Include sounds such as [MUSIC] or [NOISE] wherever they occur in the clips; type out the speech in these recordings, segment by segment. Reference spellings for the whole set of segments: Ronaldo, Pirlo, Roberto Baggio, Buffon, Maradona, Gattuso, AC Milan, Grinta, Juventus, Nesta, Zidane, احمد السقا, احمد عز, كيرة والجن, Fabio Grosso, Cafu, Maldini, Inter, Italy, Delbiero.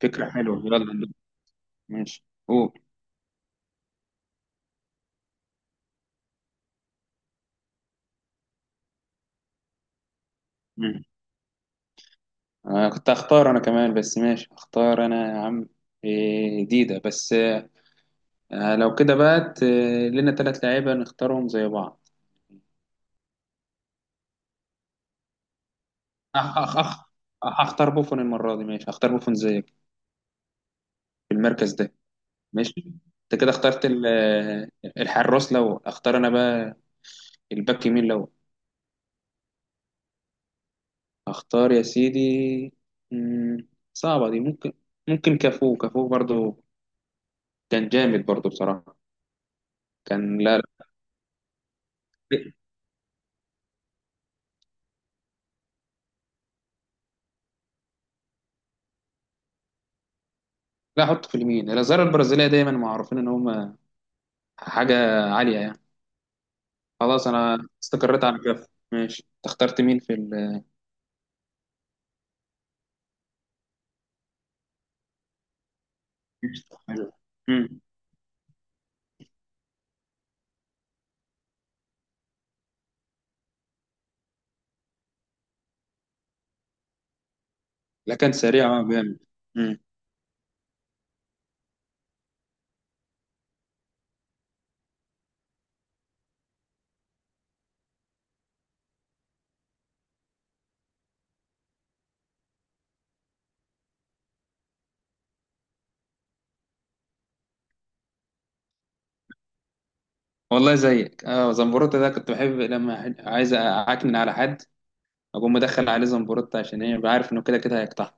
فكرة حلوة، يلا. ماشي، قول. مم. أنا كنت هختار أنا كمان، بس ماشي، هختار أنا يا عم. إيه، جديدة بس لو كده بقى لنا تلات لعيبة نختارهم زي بعض. أخ أخ أخ. هختار بوفون المرة دي. ماشي، هختار بوفون زيك في المركز ده. ماشي. أنت كده اخترت الحراس. لو أختار أنا بقى الباك يمين، لو أختار يا سيدي. مم، صعبة دي. ممكن كافو. كافو برضو كان جامد برضو بصراحة. لا، لا. احط في اليمين. الازهار البرازيليه دايما معروفين ان هم حاجه عاليه يعني. خلاص، انا استقريت على كده. ماشي، انت اخترت مين في ال... حلو. امم، لا، كان سريع، جامد. امم والله زيك، زمبروتا ده كنت بحب لما عايز اعكنن على حد، اقوم مدخل عليه زمبروتا. عشان ايه؟ ببقى عارف انه كده كده هيقطع.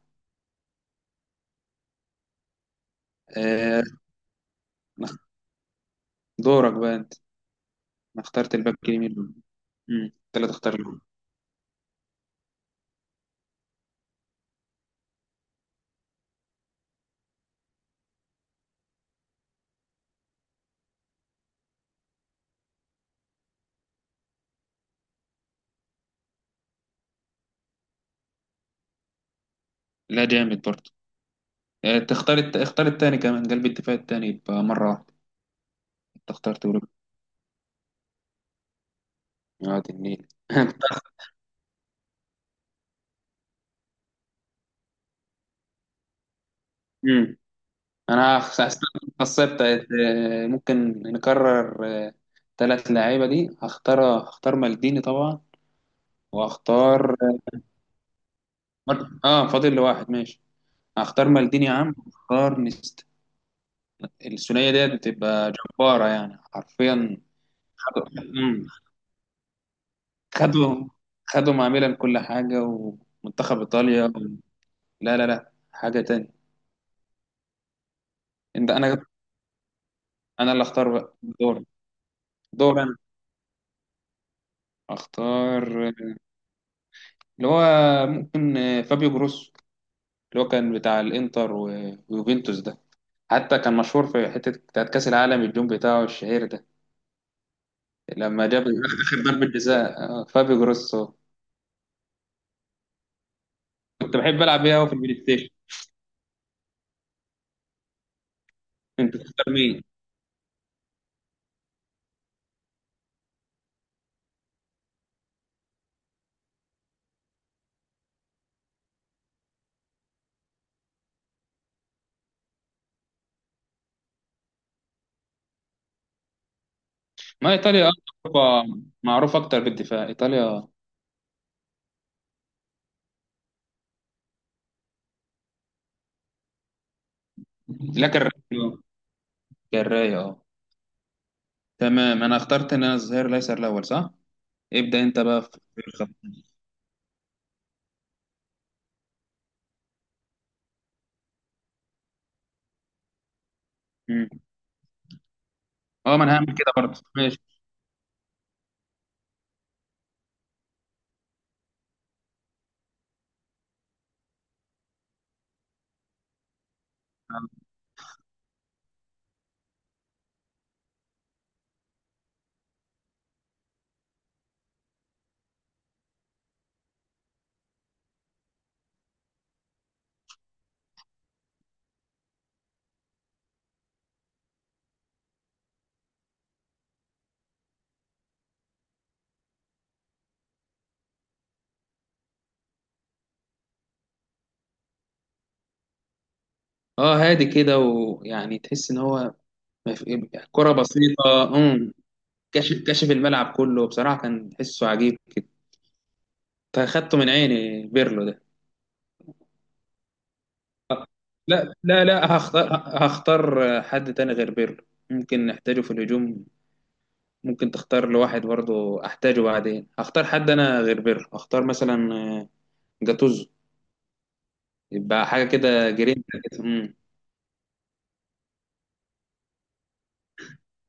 آه نخ- دورك بقى انت. انا اخترت الباك اليمين. انت اللي تختار له. لا، جامد برضه. اختار التاني كمان، قلب الدفاع التاني يبقى مره واحده. انت اخترت وادي النيل. [LAUGHS] أمم. انا خصبت. ممكن نكرر ثلاث لعيبه دي. هختار مالديني طبعا، وهختار... اه، فاضل لي واحد، ماشي. هختار مالديني يا عم، هختار نيستا. الثنائيه ديت بتبقى جباره يعني حرفيا. خدوا. أمم. خدوا خدوا مع ميلان كل حاجه، ومنتخب ايطاليا و... لا، لا، لا، حاجه تانية. انت انا انا اللي اختار بقى. دور دور انا. اختار اللي هو ممكن فابيو جروسو، اللي هو كان بتاع الانتر ويوفنتوس ده. حتى كان مشهور في حتة بتاعت كأس العالم، الجون بتاعه الشهير ده لما جاب آخر ضربة جزاء فابيو جروسو. كنت بحب ألعب بيها أوي في البلاي ستيشن. كنت بتختار مين؟ ما إيطاليا، أوروبا، معروفة أكتر بالدفاع، إيطاليا. لا، كالراية. كالراية، أه. تمام، أنا اخترت إن أنا الظهير الأيسر الأول، صح؟ ابدأ أنت بقى في الخط. مم. أه، ما أنا هعمل كده برضه، ماشي. أه. هادي كده، ويعني تحس إن هو ما في- يبقى كرة بسيطة. امم. كشف الملعب كله بصراحة، كان تحسه عجيب كده. فاخدته من عيني، بيرلو ده. لا، لا، لا، هختار. هختار حد تاني غير بيرلو، ممكن نحتاجه في الهجوم. ممكن تختار لواحد برضه، احتاجه بعدين. هختار حد انا غير بيرلو، هختار مثلا جاتوزو. يبقى حاجة كده، جرينتا كده. امم.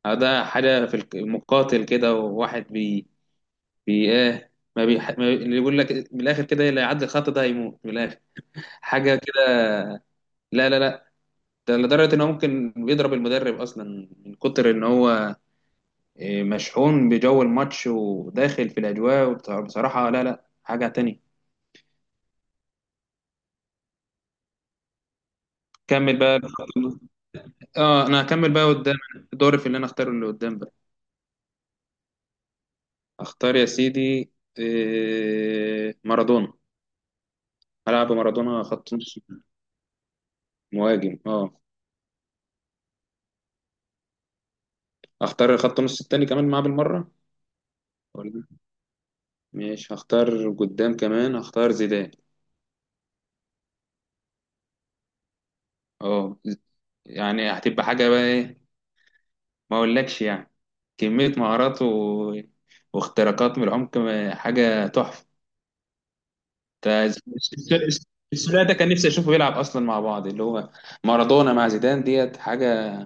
ده حاجة في المقاتل كده، وواحد بي ايه، ما بيح... ما بي... اللي يقول لك من الاخر كده، اللي يعدي الخط ده هيموت من الاخر. حاجة كده. لا، لا، لا، ده لدرجة ان هو ممكن بيضرب المدرب اصلا من كتر ان هو إيه، مشحون بجو الماتش وداخل في الاجواء بصراحة. لا، لا، حاجة تانية. كمل بقى. اه، انا هكمل بقى قدام، دوري في اللي انا اختاره اللي قدام بقى. اختار يا سيدي، إيه، مارادونا. هلعب مارادونا خط نص مهاجم، اه. اختار خط نص التاني كمان معاه بالمرة، ولا ماشي، هختار قدام كمان. هختار زيدان. اه، يعني هتبقى حاجة بقى ايه، ما اقولكش يعني، كمية مهارات واختراقات من العمق حاجة تحفة. تا- الس- الثلاثي ده كان نفسي اشوفه بيلعب اصلا مع بعض، اللي هو مارادونا مع زيدان ديت. حاجة.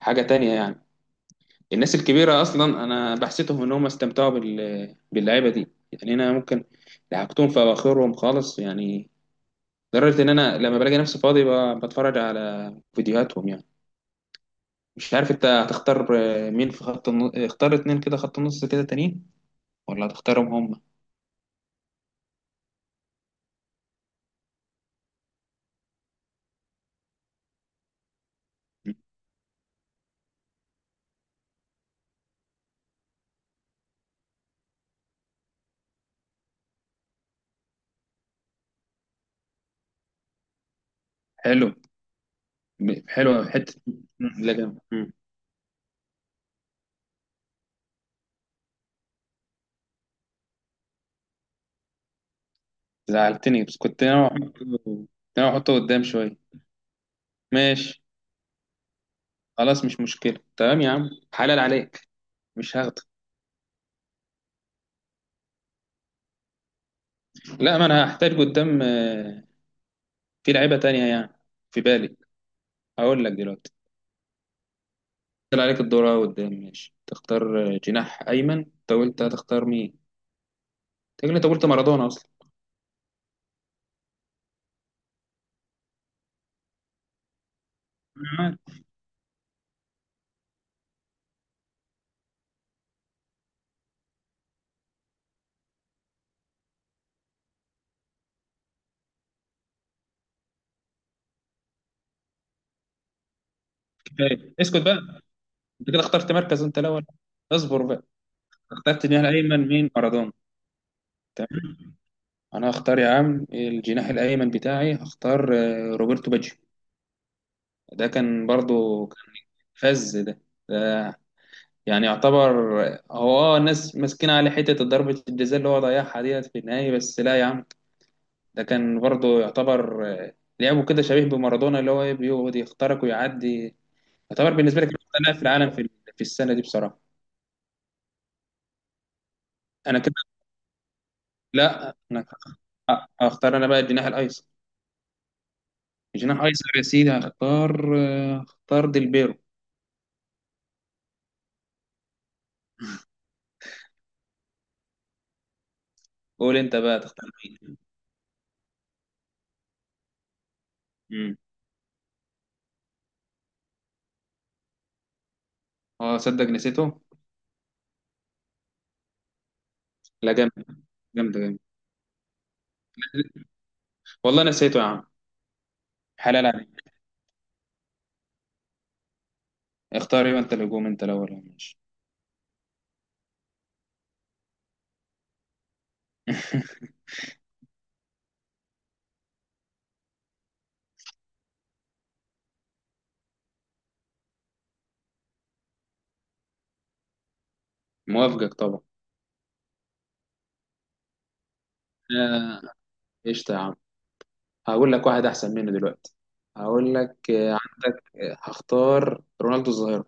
حاجة تانية يعني. الناس الكبيرة اصلا، انا بحسيتهم ان هم استمتعوا باللعيبة دي يعني. انا ممكن لحقتهم في اواخرهم خالص يعني، لدرجة ان انا لما بلاقي نفسي فاضي بتفرج على فيديوهاتهم يعني. مش عارف انت هتختار مين في خط النص. اختار اتنين كده خط النص كده تانيين، ولا هتختارهم هم؟ م. حلو. حلو حتة. م. لا، جامد. م. زعلتني، بس كنت انا احطه قدام شوية. ماشي، خلاص، مش مشكلة. تمام يا عم، حلال عليك، مش هاخده. لا، ما انا هحتاج قدام في لعيبة تانية يعني في بالي، هقول لك دلوقتي. طلع عليك الدور أهو قدام. ماشي، تختار جناح ايمن. انت قلت هتختار مين؟ انت قلت مارادونا اصلا. معاك. كفاية. اسكت بقى. انت كده اخترت مركز انت الاول. اصبر بقى. اخترت جناح ايمن مين؟ مارادونا. انا هختار يا عم الجناح الايمن بتاعي. هختار روبرتو باجيو. ده كان برضو كان فز ده، ده يعني يعتبر هو الناس ماسكين عليه حته ضربه الجزاء اللي هو ضيعها ديت في النهايه، بس لا يا عم. ده كان برضو يعتبر لعبه كده شبيه بمارادونا، اللي هو إيه، بيقعد يخترق ويعدي. يعتبر بالنسبه لي كان أحسن لاعب في العالم في السنه دي بصراحه. انا كده. لا، انا هختار انا بقى الجناح الايسر. الجناح الايسر يا سيدي، هختار ديلبيرو. قول انت بقى، تختار. امم، اه، صدق نسيته. لا، جامد جامد جامد. والله نسيته يا عم، حلال عليك. اختار ايه انت؟ الهجوم. انت الاول، يا ماشي. [LAUGHS] موافقك طبعا. آه، قشطة يا عم. هقول لك واحد أحسن منه دلوقتي. هقول لك عندك هختار رونالدو الظاهرة.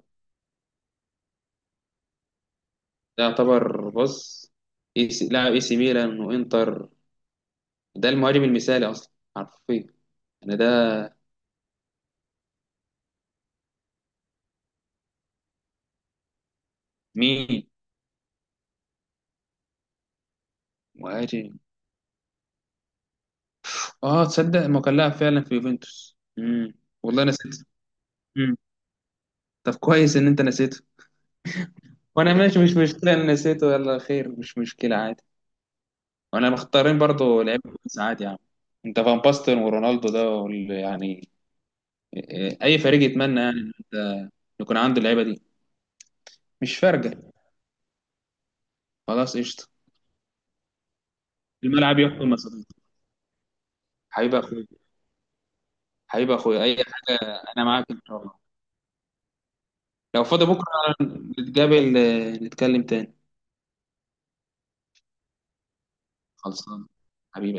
ده يعتبر، بص، لاعب اي سي ميلان وانتر. ده المهاجم المثالي أصلا حرفيا يعني. ده مين؟ مهاجم، اه. تصدق ما كان لاعب فعلا في يوفنتوس؟ امم. والله نسيت. طب كويس ان انت نسيته. وانا ماشي، مش مشكله، انا نسيته، يلا خير، مش مشكله عادي. وانا مختارين برضو لعيبه كويس عادي يعني. انت فان باستن ورونالدو ده يعني اي فريق يتمنى يعني ان انت يكون عنده اللعيبه دي. مش فارقه، خلاص، قشطه. الملعب يحكم مساطيل. حبيب اخوي. حبيب اخوي، اي حاجه. انا معاك ان شاء الله. لو فاضي بكره نتقابل، نتكلم تاني. خلصان. حبيبي.